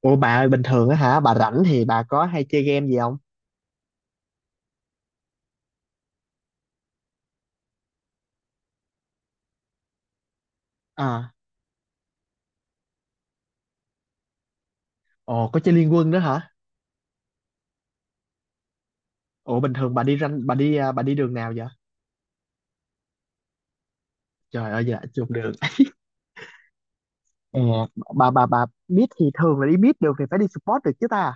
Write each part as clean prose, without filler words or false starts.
Ủa bà ơi bình thường á hả bà rảnh thì bà có hay chơi game gì không? À, ồ, có chơi Liên Quân đó hả? Ủa, bình thường bà đi ranh bà đi à, bà đi đường nào vậy? Trời ơi dạ chung đường. Ờ, bà biết thì thường là đi biết được thì phải đi support được chứ ta.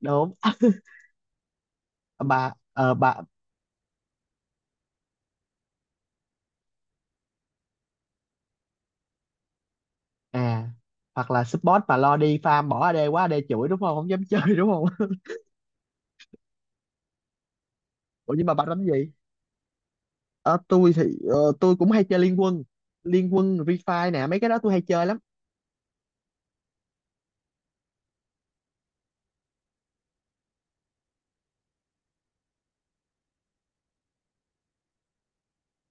Đúng. Bà ờ bà à hoặc là support mà lo đi farm bỏ AD quá, AD chửi đúng không? Không dám chơi đúng không? Ủa nhưng mà bà đánh gì? Ờ, tôi thì tôi cũng hay chơi Liên Quân. Liên Quân, Refi nè, mấy cái đó tôi hay chơi lắm.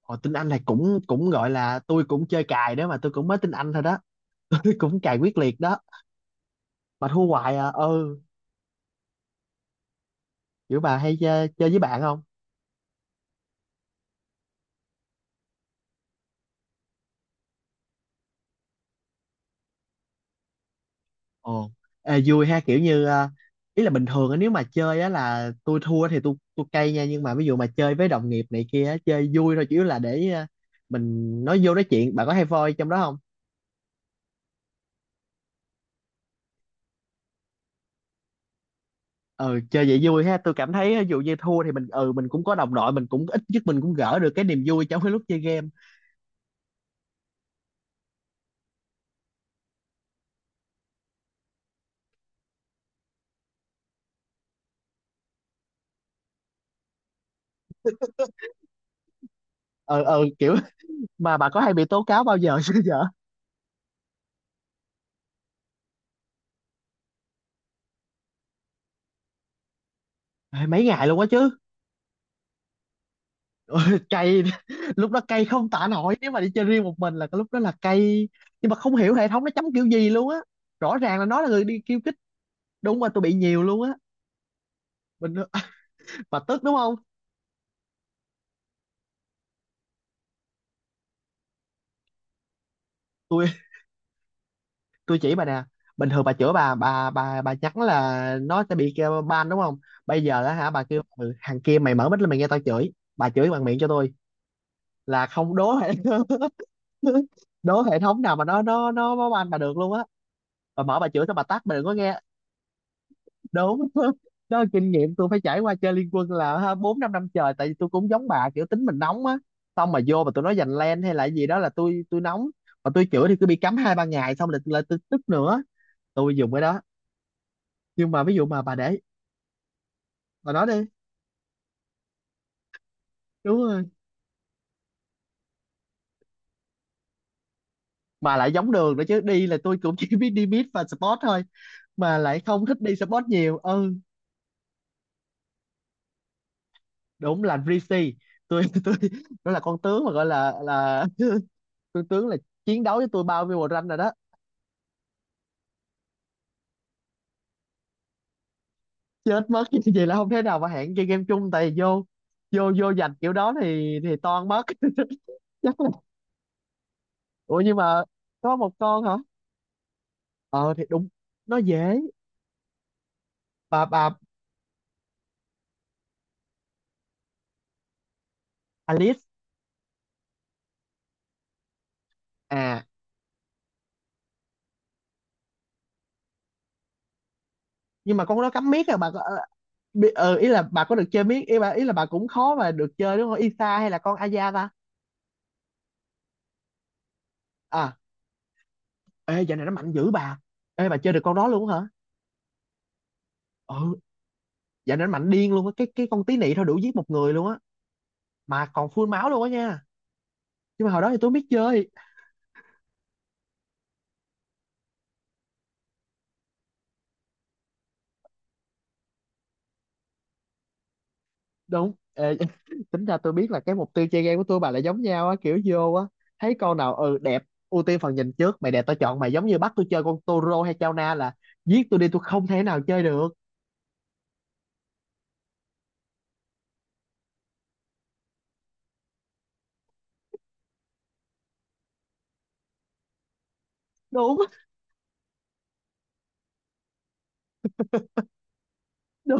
Ồ, tiếng Anh này cũng cũng gọi là tôi cũng chơi cài đó, mà tôi cũng mới tiếng Anh thôi đó. Tôi cũng cài quyết liệt đó, mà thua hoài à. Ừ, kiểu bà hay chơi, chơi với bạn không? Ồ. Ê, vui ha, kiểu như ý là bình thường á, nếu mà chơi á là tôi thua thì tôi cay nha, nhưng mà ví dụ mà chơi với đồng nghiệp này kia á, chơi vui thôi, chủ yếu là để mình nói vô nói chuyện. Bạn có hay voi trong đó không? Ừ, chơi vậy vui ha, tôi cảm thấy ví dụ như thua thì mình, ừ, mình cũng có đồng đội, mình cũng ít nhất mình cũng gỡ được cái niềm vui trong cái lúc chơi game. Ờ ừ Kiểu mà bà có hay bị tố cáo bao giờ chưa vợ? Ê, mấy ngày luôn quá chứ. Ôi, cay. Lúc đó cay không tả nổi, nếu mà đi chơi riêng một mình là cái lúc đó là cay, nhưng mà không hiểu hệ thống nó chấm kiểu gì luôn á. Rõ ràng là nó là người đi khiêu khích. Đúng, mà tôi bị nhiều luôn á. Bình. Bà tức đúng không? tôi tôi chỉ bà nè, bình thường bà chửi bà nhắn là nó sẽ bị kêu ban đúng không? Bây giờ á hả, bà kêu "Ừ, thằng kia, mày mở mic lên mày nghe tao chửi", bà chửi bằng miệng cho tôi là không đố hệ. Đố hệ thống nào mà nó ban bà được luôn á. Bà mở bà chửi xong bà tắt bà đừng có nghe. Đúng. Đó là kinh nghiệm tôi phải trải qua chơi Liên Quân là ha, bốn năm năm trời, tại vì tôi cũng giống bà kiểu tính mình nóng á, xong mà vô mà tôi nói giành len hay là gì đó là tôi nóng, mà tôi chữa thì cứ bị cấm hai ba ngày, xong là tôi tức nữa. Tôi dùng cái đó nhưng mà ví dụ mà bà để. Bà nói đi. Đúng rồi, mà lại giống đường nữa chứ, đi là tôi cũng chỉ biết đi mid và sport thôi, mà lại không thích đi sport nhiều. Ừ, đúng là Rishi. Tôi tôi, nó là con tướng mà gọi là con tướng là chiến đấu với tôi bao nhiêu rank rồi đó. Chết mất. Chứ vậy là không thể nào mà hẹn chơi game chung, tại vì vô, vô giành kiểu đó thì toan mất. Chắc là ủa nhưng mà có một con hả? Ờ thì đúng, nó dễ. Bà Alice. À, nhưng mà con đó cắm miết à, bà có, ý là bà có được chơi miết, ý bà ý là bà cũng khó mà được chơi đúng không, Isa hay là con Aya ta? À, ê, dạo này nó mạnh dữ bà. Ê, bà chơi được con đó luôn hả? Ừ, dạo này nó mạnh điên luôn á, cái con tí nị thôi đủ giết một người luôn á, mà còn full máu luôn á nha. Nhưng mà hồi đó thì tôi không biết chơi. Đúng. Ê, tính ra tôi biết là cái mục tiêu chơi game của tôi bà lại giống nhau á, kiểu vô á thấy con nào, ừ, đẹp, ưu tiên phần nhìn trước, mày đẹp tao chọn mày, giống như bắt tôi chơi con Toro hay Chao Na là giết tôi đi, tôi không thể nào chơi được. Đúng. Đúng,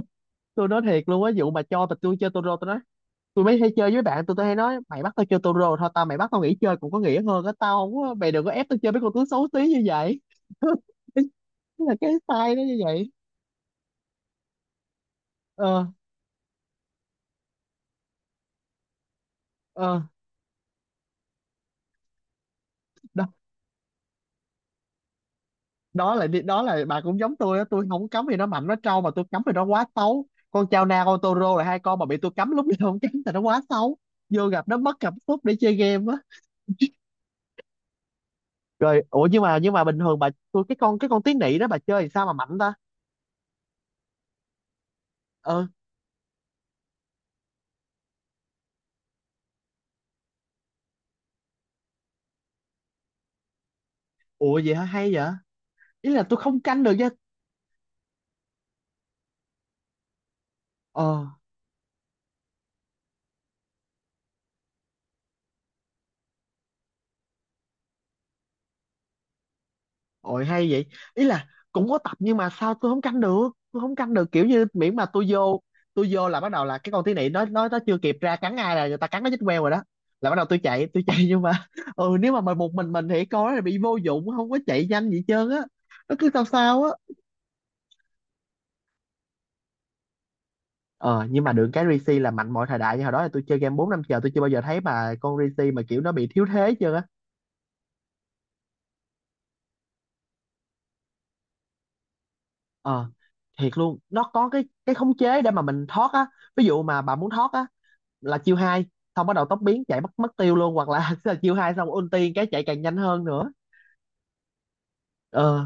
tôi nói thiệt luôn á, vụ mà cho mà tôi chơi Toro tôi nói, tôi mới hay chơi với bạn tôi hay nói mày bắt tao chơi Toro thôi tao, mày bắt tao nghỉ chơi cũng có nghĩa hơn á, tao không có, mày đừng có ép tao chơi mấy con tướng xấu tí như vậy. Là cái style nó như vậy. Ờ. ờ đó, đó là bà cũng giống tôi á, tôi không có cấm vì nó mạnh nó trâu, mà tôi cấm vì nó quá xấu. Con Chao Na, con Toro là hai con mà bị tôi cấm, lúc nào không cấm thì nó quá xấu, vô gặp nó mất cảm xúc để chơi game á. Rồi ủa nhưng mà bình thường bà, tôi cái con tiếng nị đó bà chơi thì sao mà mạnh ta? Ờ, ủa vậy hả, hay vậy. Ý là tôi không canh được nha. Ờ. Ôi hay vậy. Ý là cũng có tập nhưng mà sao tôi không canh được. Tôi không canh được, kiểu như miễn mà tôi vô là bắt đầu là cái con tí nị nó chưa kịp ra cắn ai là người ta cắn nó chết queo rồi đó. Là bắt đầu tôi chạy nhưng mà ừ, nếu mà mời một mình thì con nó là bị vô dụng, không có chạy nhanh gì hết trơn á. Nó cứ sao sao á. Ờ, nhưng mà được cái Risi là mạnh mọi thời đại, như hồi đó là tôi chơi game 4 năm chờ, tôi chưa bao giờ thấy mà con Risi mà kiểu nó bị thiếu thế chưa á. Ờ, thiệt luôn, nó có cái khống chế để mà mình thoát á. Ví dụ mà bà muốn thoát á là chiêu hai, xong bắt đầu tốc biến chạy mất mất tiêu luôn, hoặc là là chiêu hai xong ulti cái chạy càng nhanh hơn nữa. Ờ,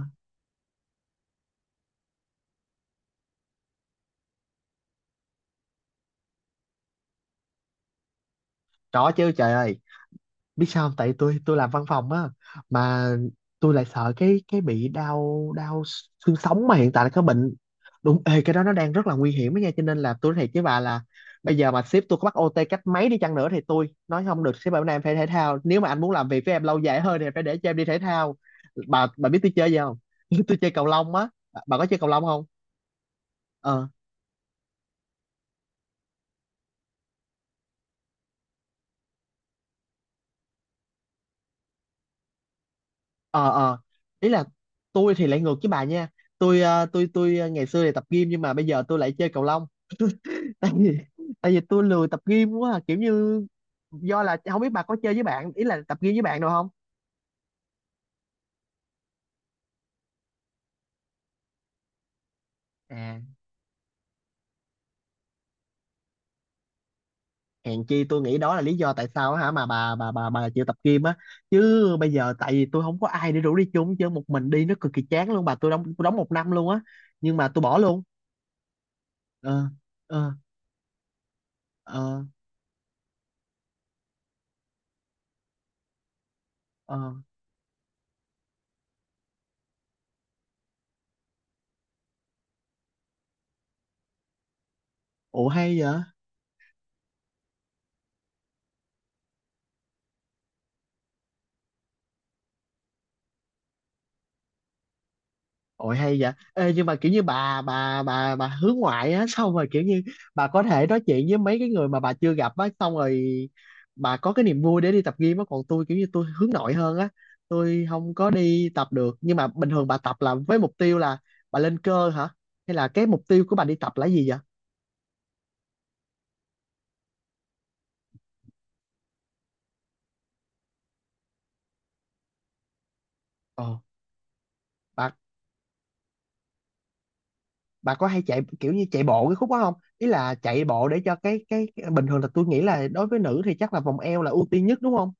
trỏ chứ trời ơi, biết sao không? Tại tôi làm văn phòng á, mà tôi lại sợ cái bị đau đau xương sống, mà hiện tại là cái bệnh. Đúng, ê, cái đó nó đang rất là nguy hiểm đó nha, cho nên là tôi nói thiệt với bà là bây giờ mà sếp tôi có bắt OT cách mấy đi chăng nữa thì tôi nói không được, sếp bảo này em phải thể thao, nếu mà anh muốn làm việc với em lâu dài hơn thì phải để cho em đi thể thao. Bà biết tôi chơi gì không? Tôi chơi cầu lông á. Bà có chơi cầu lông không? Ờ. Ờ. Ý là tôi thì lại ngược với bà nha, tôi, ngày xưa thì tập gym nhưng mà bây giờ tôi lại chơi cầu lông, tại vì tôi lười tập gym quá à, kiểu như do là không biết bà có chơi với bạn, ý là tập gym với bạn đâu không? À, hèn chi tôi nghĩ đó là lý do tại sao hả mà bà chịu tập gym á, chứ bây giờ tại vì tôi không có ai để rủ đi chung, chứ một mình đi nó cực kỳ chán luôn bà, tôi đóng một năm luôn á, nhưng mà tôi bỏ luôn. ờ ờ ờ ờ Ủa hay vậy. Ôi hay vậy. Ê, nhưng mà kiểu như bà hướng ngoại á, xong rồi kiểu như bà có thể nói chuyện với mấy cái người mà bà chưa gặp á, xong rồi bà có cái niềm vui để đi tập gym á, còn tôi kiểu như tôi hướng nội hơn á, tôi không có đi tập được. Nhưng mà bình thường bà tập là với mục tiêu là bà lên cơ hả, hay là cái mục tiêu của bà đi tập là gì vậy? Ồ, bà bà có hay chạy kiểu như chạy bộ cái khúc đó không? Ý là chạy bộ để cho cái bình thường là tôi nghĩ là đối với nữ thì chắc là vòng eo là ưu tiên nhất đúng không?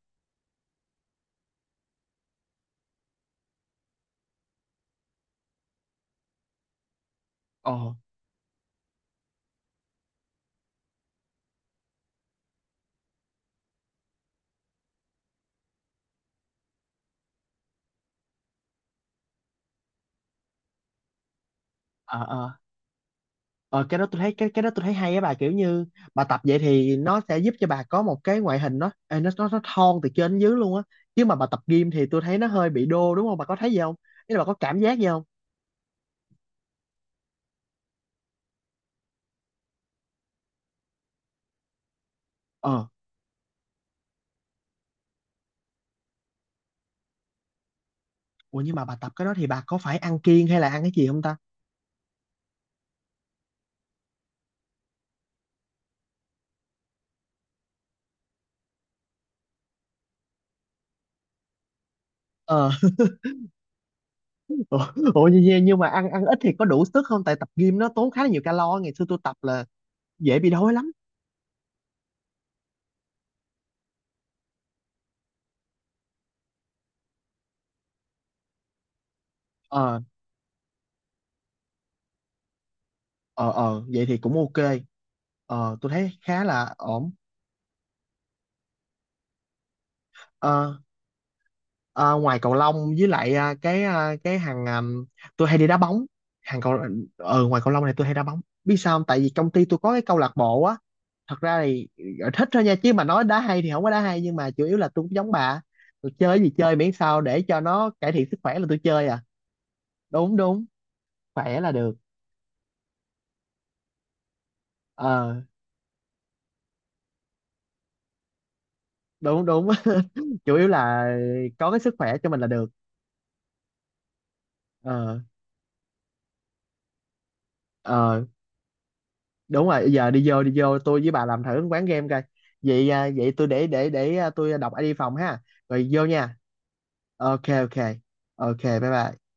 Ồ. Ờ. Ờ, Ờ, cái đó tôi thấy, cái đó tôi thấy hay á, bà kiểu như bà tập vậy thì nó sẽ giúp cho bà có một cái ngoại hình nó, ê, nó thon từ trên đến dưới luôn á, chứ mà bà tập gym thì tôi thấy nó hơi bị đô đúng không, bà có thấy gì không? Ý là bà có cảm giác gì không? Ờ, ủa nhưng mà bà tập cái đó thì bà có phải ăn kiêng hay là ăn cái gì không ta? Ờ. Ủa, ủa nhưng mà ăn, ít thì có đủ sức không, tại tập gym nó tốn khá là nhiều calo, ngày xưa tôi tập là dễ bị đói lắm. ờ ờ vậy thì cũng ok. Ờ, tôi thấy khá là ổn. Ờ. Ờ, ngoài cầu lông với lại, cái hàng à, tôi hay đi đá bóng, hàng cầu. Ờ, ngoài cầu lông này tôi hay đá bóng, biết sao không, tại vì công ty tôi có cái câu lạc bộ á. Thật ra thì thích thôi nha, chứ mà nói đá hay thì không có đá hay, nhưng mà chủ yếu là tôi cũng giống bà, tôi chơi cái gì chơi miễn sao để cho nó cải thiện sức khỏe là tôi chơi à. Đúng đúng. Khỏe là được. Ờ. Đúng đúng. Chủ yếu là có cái sức khỏe cho mình là được. Ờ. ờ đúng rồi, giờ đi vô, tôi với bà làm thử quán game coi. Vậy à, vậy tôi để, à, tôi đọc ai đi phòng ha, rồi vô nha. Ok ok. Ok bye bye.